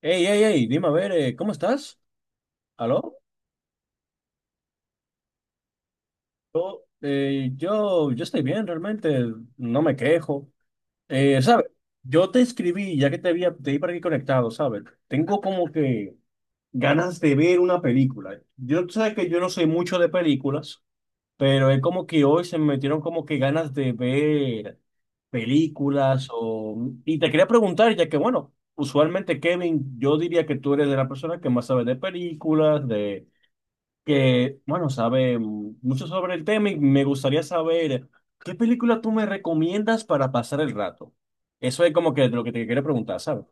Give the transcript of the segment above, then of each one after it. Hey, hey, hey, dime a ver, ¿cómo estás? ¿Aló? Yo estoy bien, realmente, no me quejo. ¿Sabes? Yo te escribí, ya que te vi por aquí conectado, ¿sabes? Tengo como que ganas de ver una película. Yo, tú sabes que yo no soy mucho de películas, pero es como que hoy se me metieron como que ganas de ver películas o... Y te quería preguntar, ya que, bueno, usualmente, Kevin, yo diría que tú eres de la persona que más sabe de películas, de que, bueno, sabe mucho sobre el tema y me gustaría saber qué película tú me recomiendas para pasar el rato. Eso es como que lo que te quiero preguntar, ¿sabes?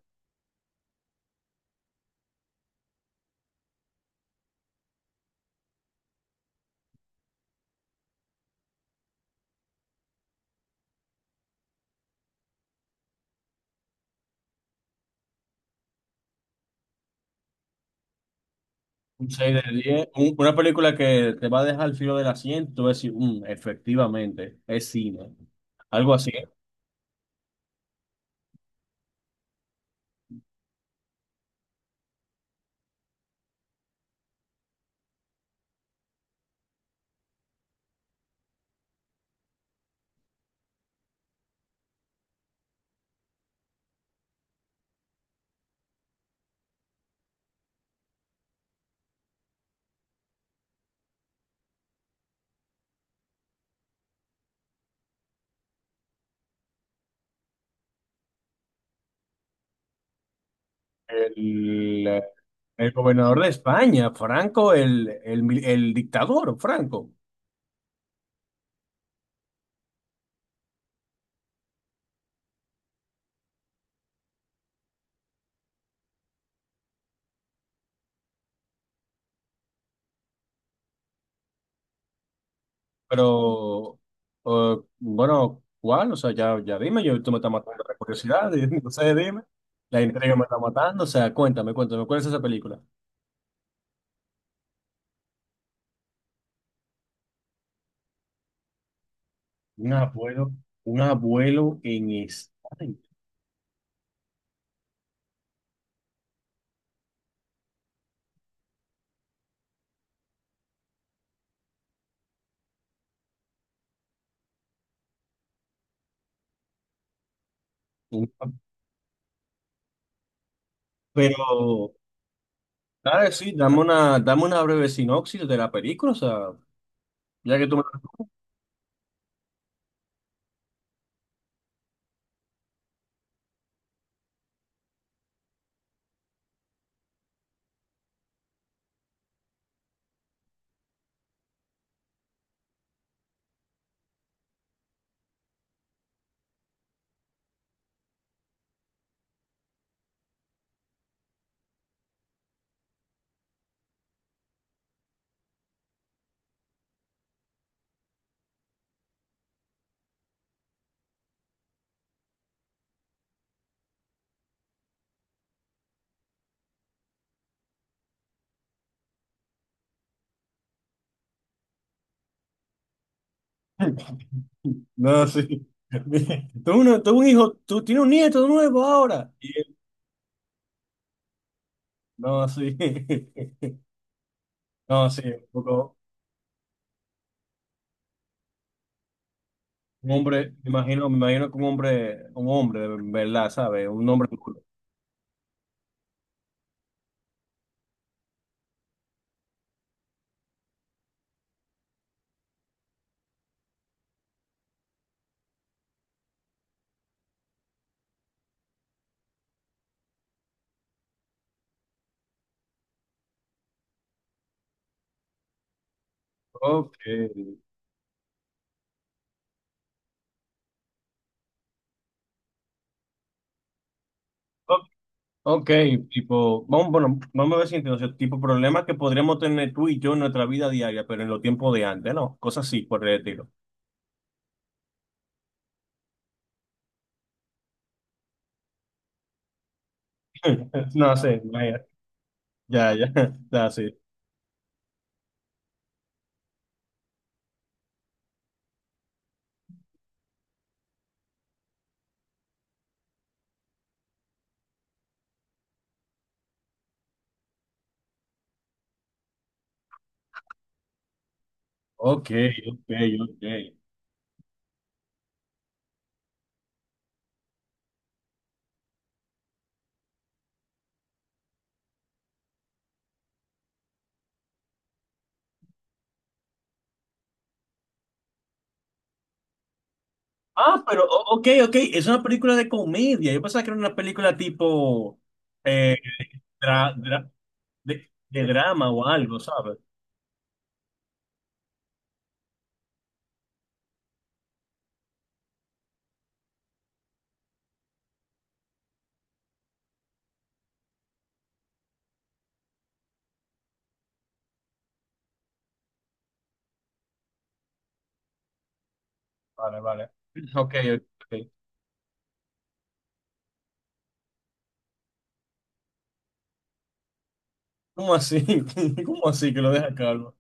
Un 6 de diez, una película que te va a dejar al filo del asiento. Tú vas a decir, "Mm, efectivamente, es cine". Algo así, ¿eh? El, el gobernador de España, Franco, el dictador, Franco. Pero, bueno, ¿cuál? O sea, ya dime, yo, tú me estás matando la curiosidad, y no sé, dime. La intriga me está matando, o sea, cuéntame, ¿cuál es esa película? Un abuelo, un abuelo en España. Un- Pero, claro, sí, dame una breve sinopsis de la película, o sea, ya que tú me... No, sí. Tú, tú un hijo, tú tienes un nieto nuevo ahora. Y él, no, sí. No, sí, un poco. Un hombre, me imagino que un hombre, de verdad, ¿sabes? Un hombre duro. Ok. O- ok, tipo, vamos, bueno, vamos a ver si entiendo, o sea, tipo, problemas que podríamos tener tú y yo en nuestra vida diaria, pero en los tiempos de antes, ¿no? Cosas así, por el estilo. No sé, vaya, ya, ya, está así. Ok, ok, ok. Ah, pero, ok, ok, es una película de comedia. Yo pensaba que era una película tipo, eh, dra- dra- de drama o algo, ¿sabes? Vale, vale. Ok, ok. ¿Cómo así? ¿Cómo así que lo deja calvo?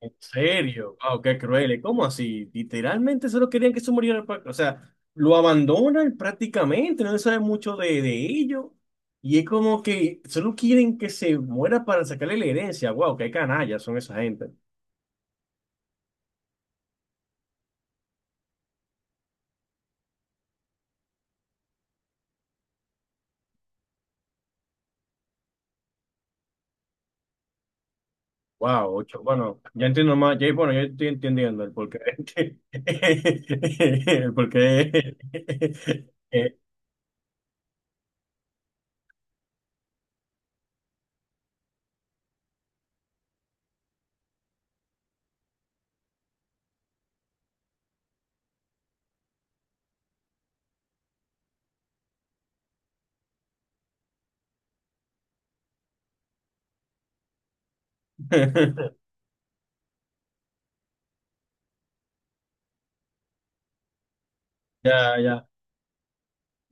¿En serio? Wow, qué cruel. ¿Cómo así? Literalmente solo querían que se muriera o sea, lo abandonan prácticamente, no se sabe mucho de ello. Y es como que solo quieren que se muera para sacarle la herencia. Wow, qué canallas son esa gente. Wow, ocho. Bueno, ya entiendo más. Ya, bueno, yo estoy entendiendo el porqué. El porqué. Ya, ya.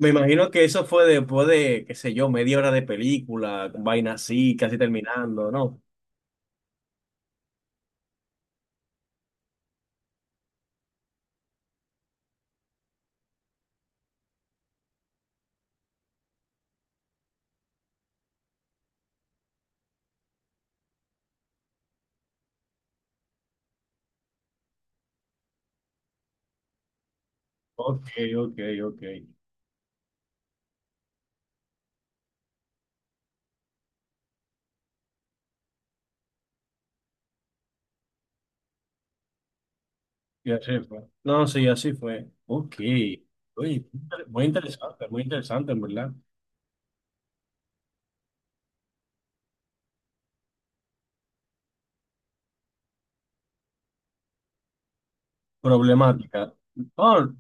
Me imagino que eso fue después de, qué sé yo, media hora de película, con vaina así, casi terminando, ¿no? Ok, ok, ok. Y así fue. No, sí, así fue. Ok. Oye, muy interesante, en verdad. Problemática. Oh,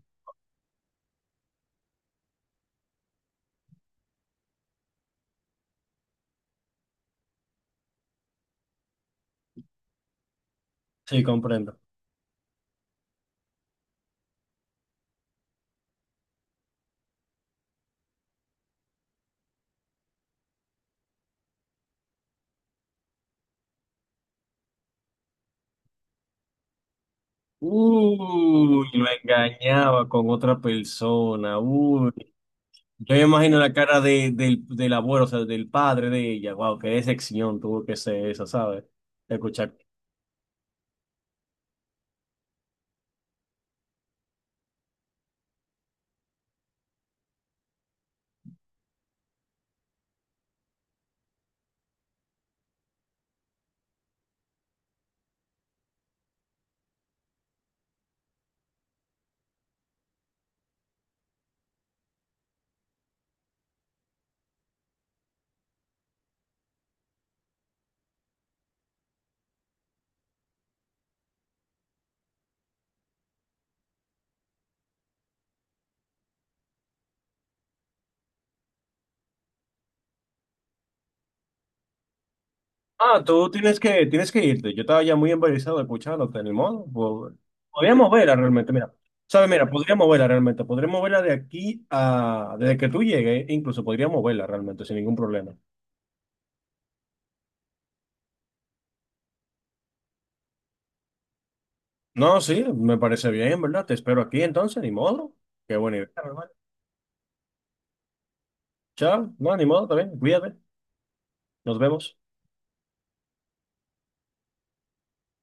sí, comprendo. Uy, lo engañaba con otra persona. Uy. Yo me imagino la cara del, del abuelo, o sea, del padre de ella. Wow, qué decepción tuvo que ser esa, ¿sabes? Escuchar... Ah, tienes que irte. Yo estaba ya muy embarazado escuchándote, ni modo. Podríamos verla realmente, mira. ¿Sabes? Mira, podríamos verla realmente. Podríamos verla de aquí a... Desde que tú llegues, incluso podríamos verla realmente sin ningún problema. No, sí, me parece bien, ¿verdad? Te espero aquí entonces, ni modo. Qué buena idea, hermano. Chao. No, ni modo, está bien. Cuídate. Nos vemos.